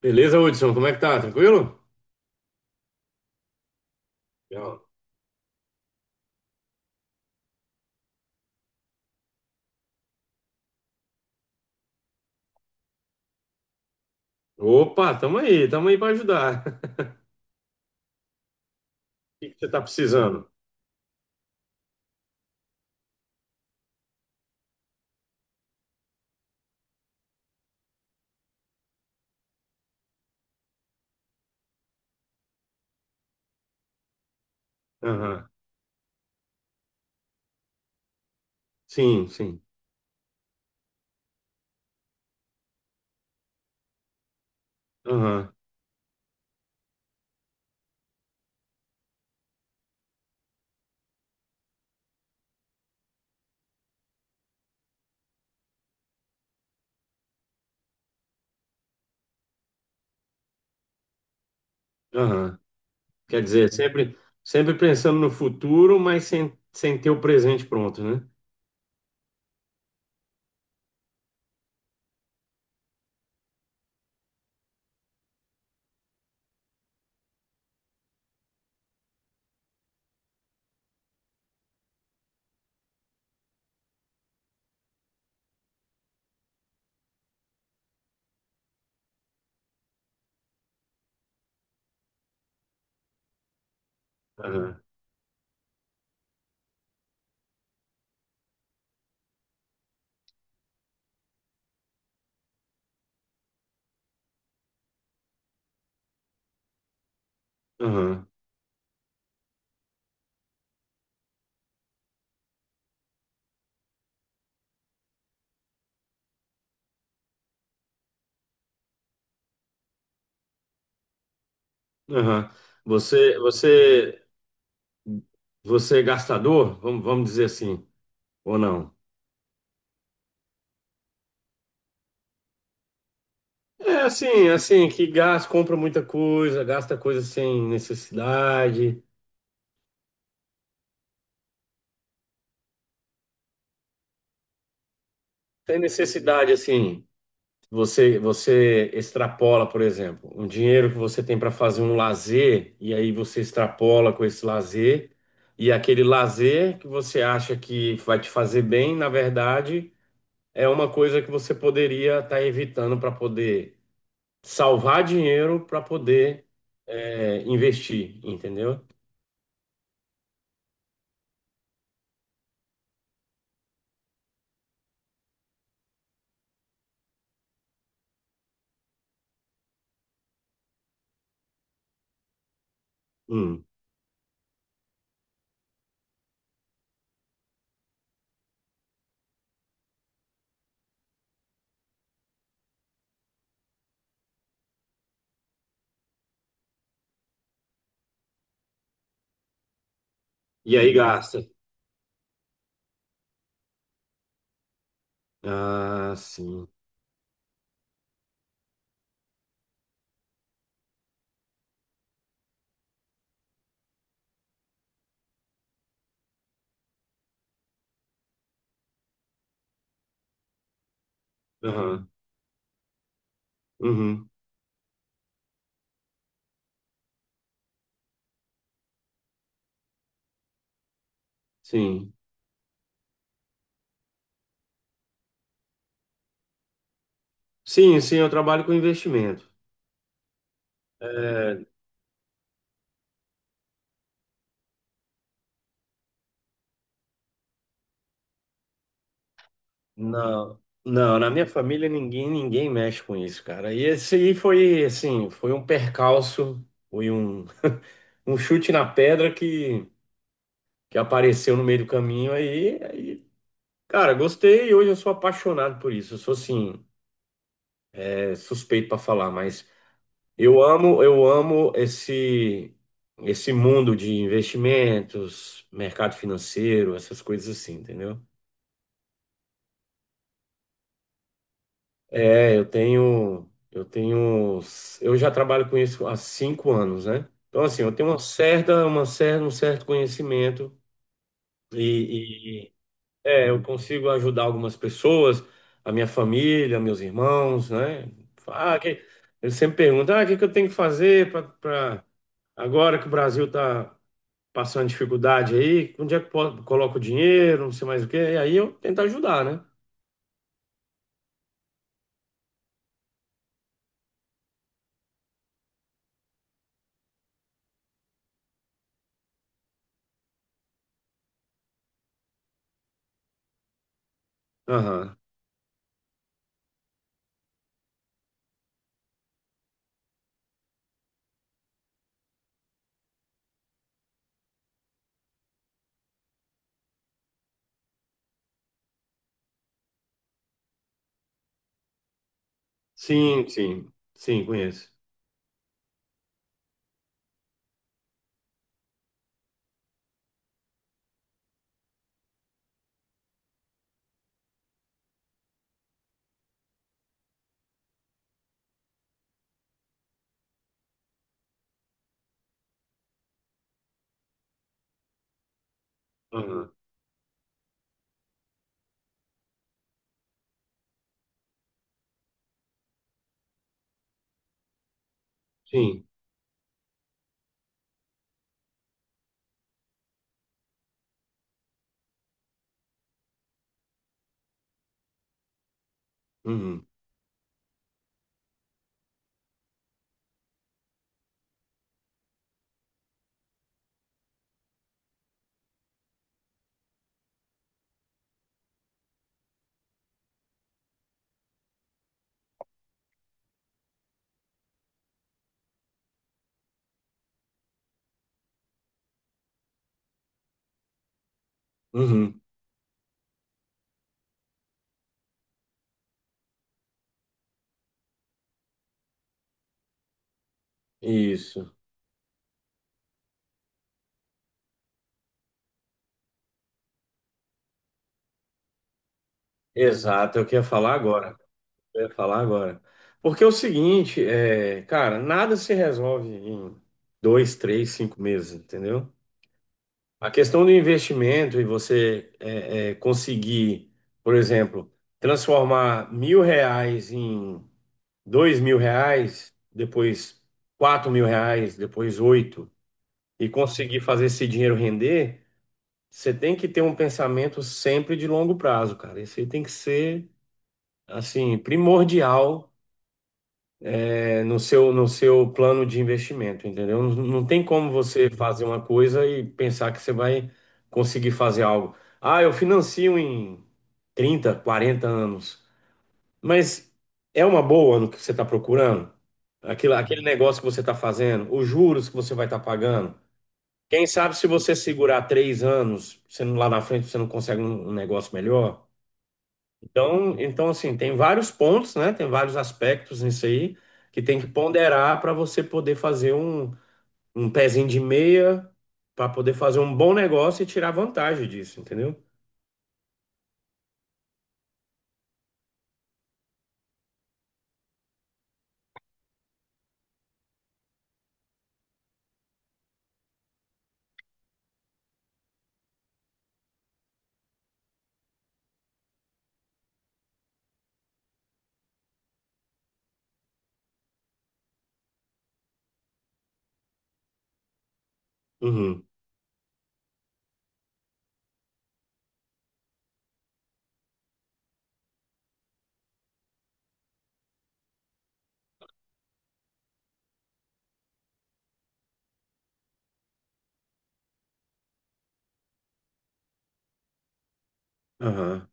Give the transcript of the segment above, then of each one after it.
Beleza, Hudson? Como é que tá? Tranquilo? Legal. Opa, tamo aí pra ajudar. O que que você tá precisando? Aham. Sim, sim. Aham, aham. Quer dizer, sempre pensando no futuro, mas sem ter o presente pronto, né? Aham, aham, aham. Você, você, você é gastador? Vamos dizer assim, ou não? É assim, que gasta, compra muita coisa, gasta coisa sem necessidade. Sem necessidade, assim. Você extrapola, por exemplo, um dinheiro que você tem para fazer um lazer, e aí você extrapola com esse lazer, e aquele lazer que você acha que vai te fazer bem, na verdade, é uma coisa que você poderia estar evitando para poder salvar dinheiro para poder investir, entendeu? Hum. E aí gasta. Ah, sim. Aham. Uhum. Sim. Sim, sim, eu trabalho com investimento. É. Não, não, na minha família ninguém mexe com isso, cara. E esse aí foi assim, foi um percalço, foi um, um chute na pedra que apareceu no meio do caminho aí, cara, gostei e hoje eu sou apaixonado por isso. Eu sou assim, suspeito para falar, mas eu amo esse mundo de investimentos, mercado financeiro, essas coisas assim, entendeu? É, eu tenho, eu tenho, eu já trabalho com isso há 5 anos, né? Então, assim, eu tenho um certo conhecimento, e eu consigo ajudar algumas pessoas, a minha família, meus irmãos, né? Ah, eles sempre perguntam, o que que eu tenho que fazer para agora que o Brasil tá passando dificuldade aí, onde é que eu coloco o dinheiro, não sei mais o quê, e aí eu tento ajudar, né? Aham. Sim, sim, sim, conheço. Sim. Uhum. Uhum. Isso. Exato, é o que eu ia falar agora. Eu ia falar agora. Porque é o seguinte, cara, nada se resolve em 2, 3, 5 meses, entendeu? A questão do investimento e você conseguir, por exemplo, transformar R$ 1.000 em R$ 2.000, depois R$ 4.000, depois oito, e conseguir fazer esse dinheiro render. Você tem que ter um pensamento sempre de longo prazo, cara. Isso aí tem que ser, assim, primordial, no seu plano de investimento, entendeu? Não, não tem como você fazer uma coisa e pensar que você vai conseguir fazer algo. Ah, eu financio em 30, 40 anos. Mas é uma boa no que você está procurando? Aquilo, aquele negócio que você está fazendo, os juros que você vai estar pagando. Quem sabe se você segurar 3 anos, você não- lá na frente você não consegue um negócio melhor? Então, assim, tem vários pontos, né? Tem vários aspectos nisso aí que tem que ponderar para você poder fazer um pezinho de meia, para poder fazer um bom negócio e tirar vantagem disso, entendeu? Uhum, aham.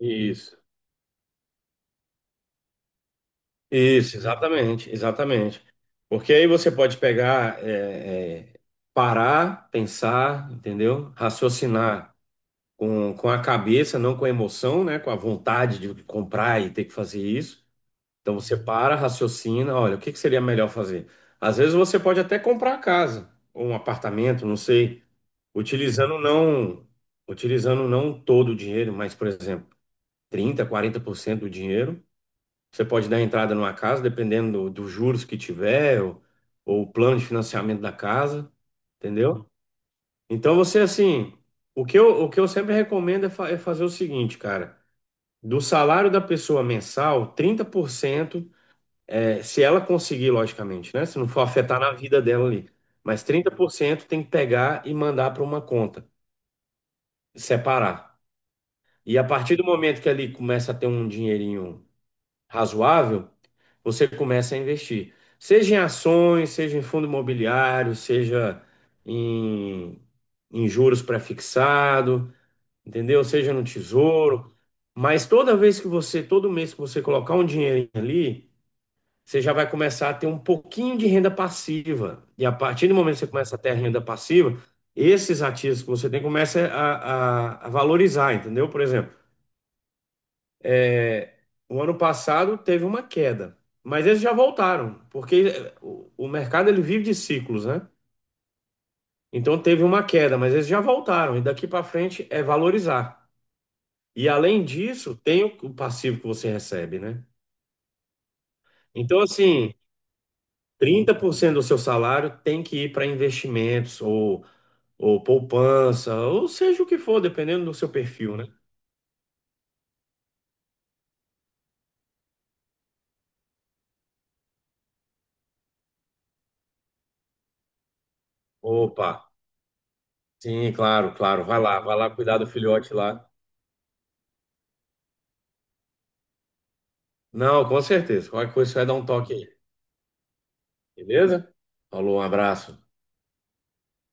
Isso. Isso, exatamente, exatamente. Porque aí você pode pegar, parar, pensar, entendeu? Raciocinar com a cabeça, não com a emoção, né? Com a vontade de comprar e ter que fazer isso. Então você para, raciocina, olha, o que que seria melhor fazer? Às vezes você pode até comprar a casa, ou um apartamento, não sei, utilizando não, utilizando não todo o dinheiro, mas, por exemplo, 30, 40% do dinheiro. Você pode dar entrada numa casa, dependendo dos juros que tiver, ou o plano de financiamento da casa, entendeu? Então você assim, o que eu sempre recomendo é é fazer o seguinte, cara, do salário da pessoa mensal, 30% se ela conseguir, logicamente, né? Se não for afetar na vida dela ali. Mas 30% tem que pegar e mandar para uma conta, separar. E a partir do momento que ali começa a ter um dinheirinho razoável, você começa a investir. Seja em ações, seja em fundo imobiliário, seja em, em juros pré-fixado, entendeu? Seja no tesouro. Mas toda vez que você, todo mês que você colocar um dinheirinho ali, você já vai começar a ter um pouquinho de renda passiva. E a partir do momento que você começa a ter a renda passiva, esses ativos que você tem começa a valorizar, entendeu? Por exemplo, é, o ano passado teve uma queda, mas eles já voltaram, porque o mercado ele vive de ciclos, né? Então teve uma queda, mas eles já voltaram, e daqui para frente é valorizar. E além disso, tem o passivo que você recebe, né? Então, assim, 30% do seu salário tem que ir para investimentos ou poupança, ou seja o que for, dependendo do seu perfil, né? Opa, sim, claro, claro. Vai lá cuidar do filhote lá. Não, com certeza. Qualquer coisa, você vai dar um toque aí, beleza? Falou, um abraço.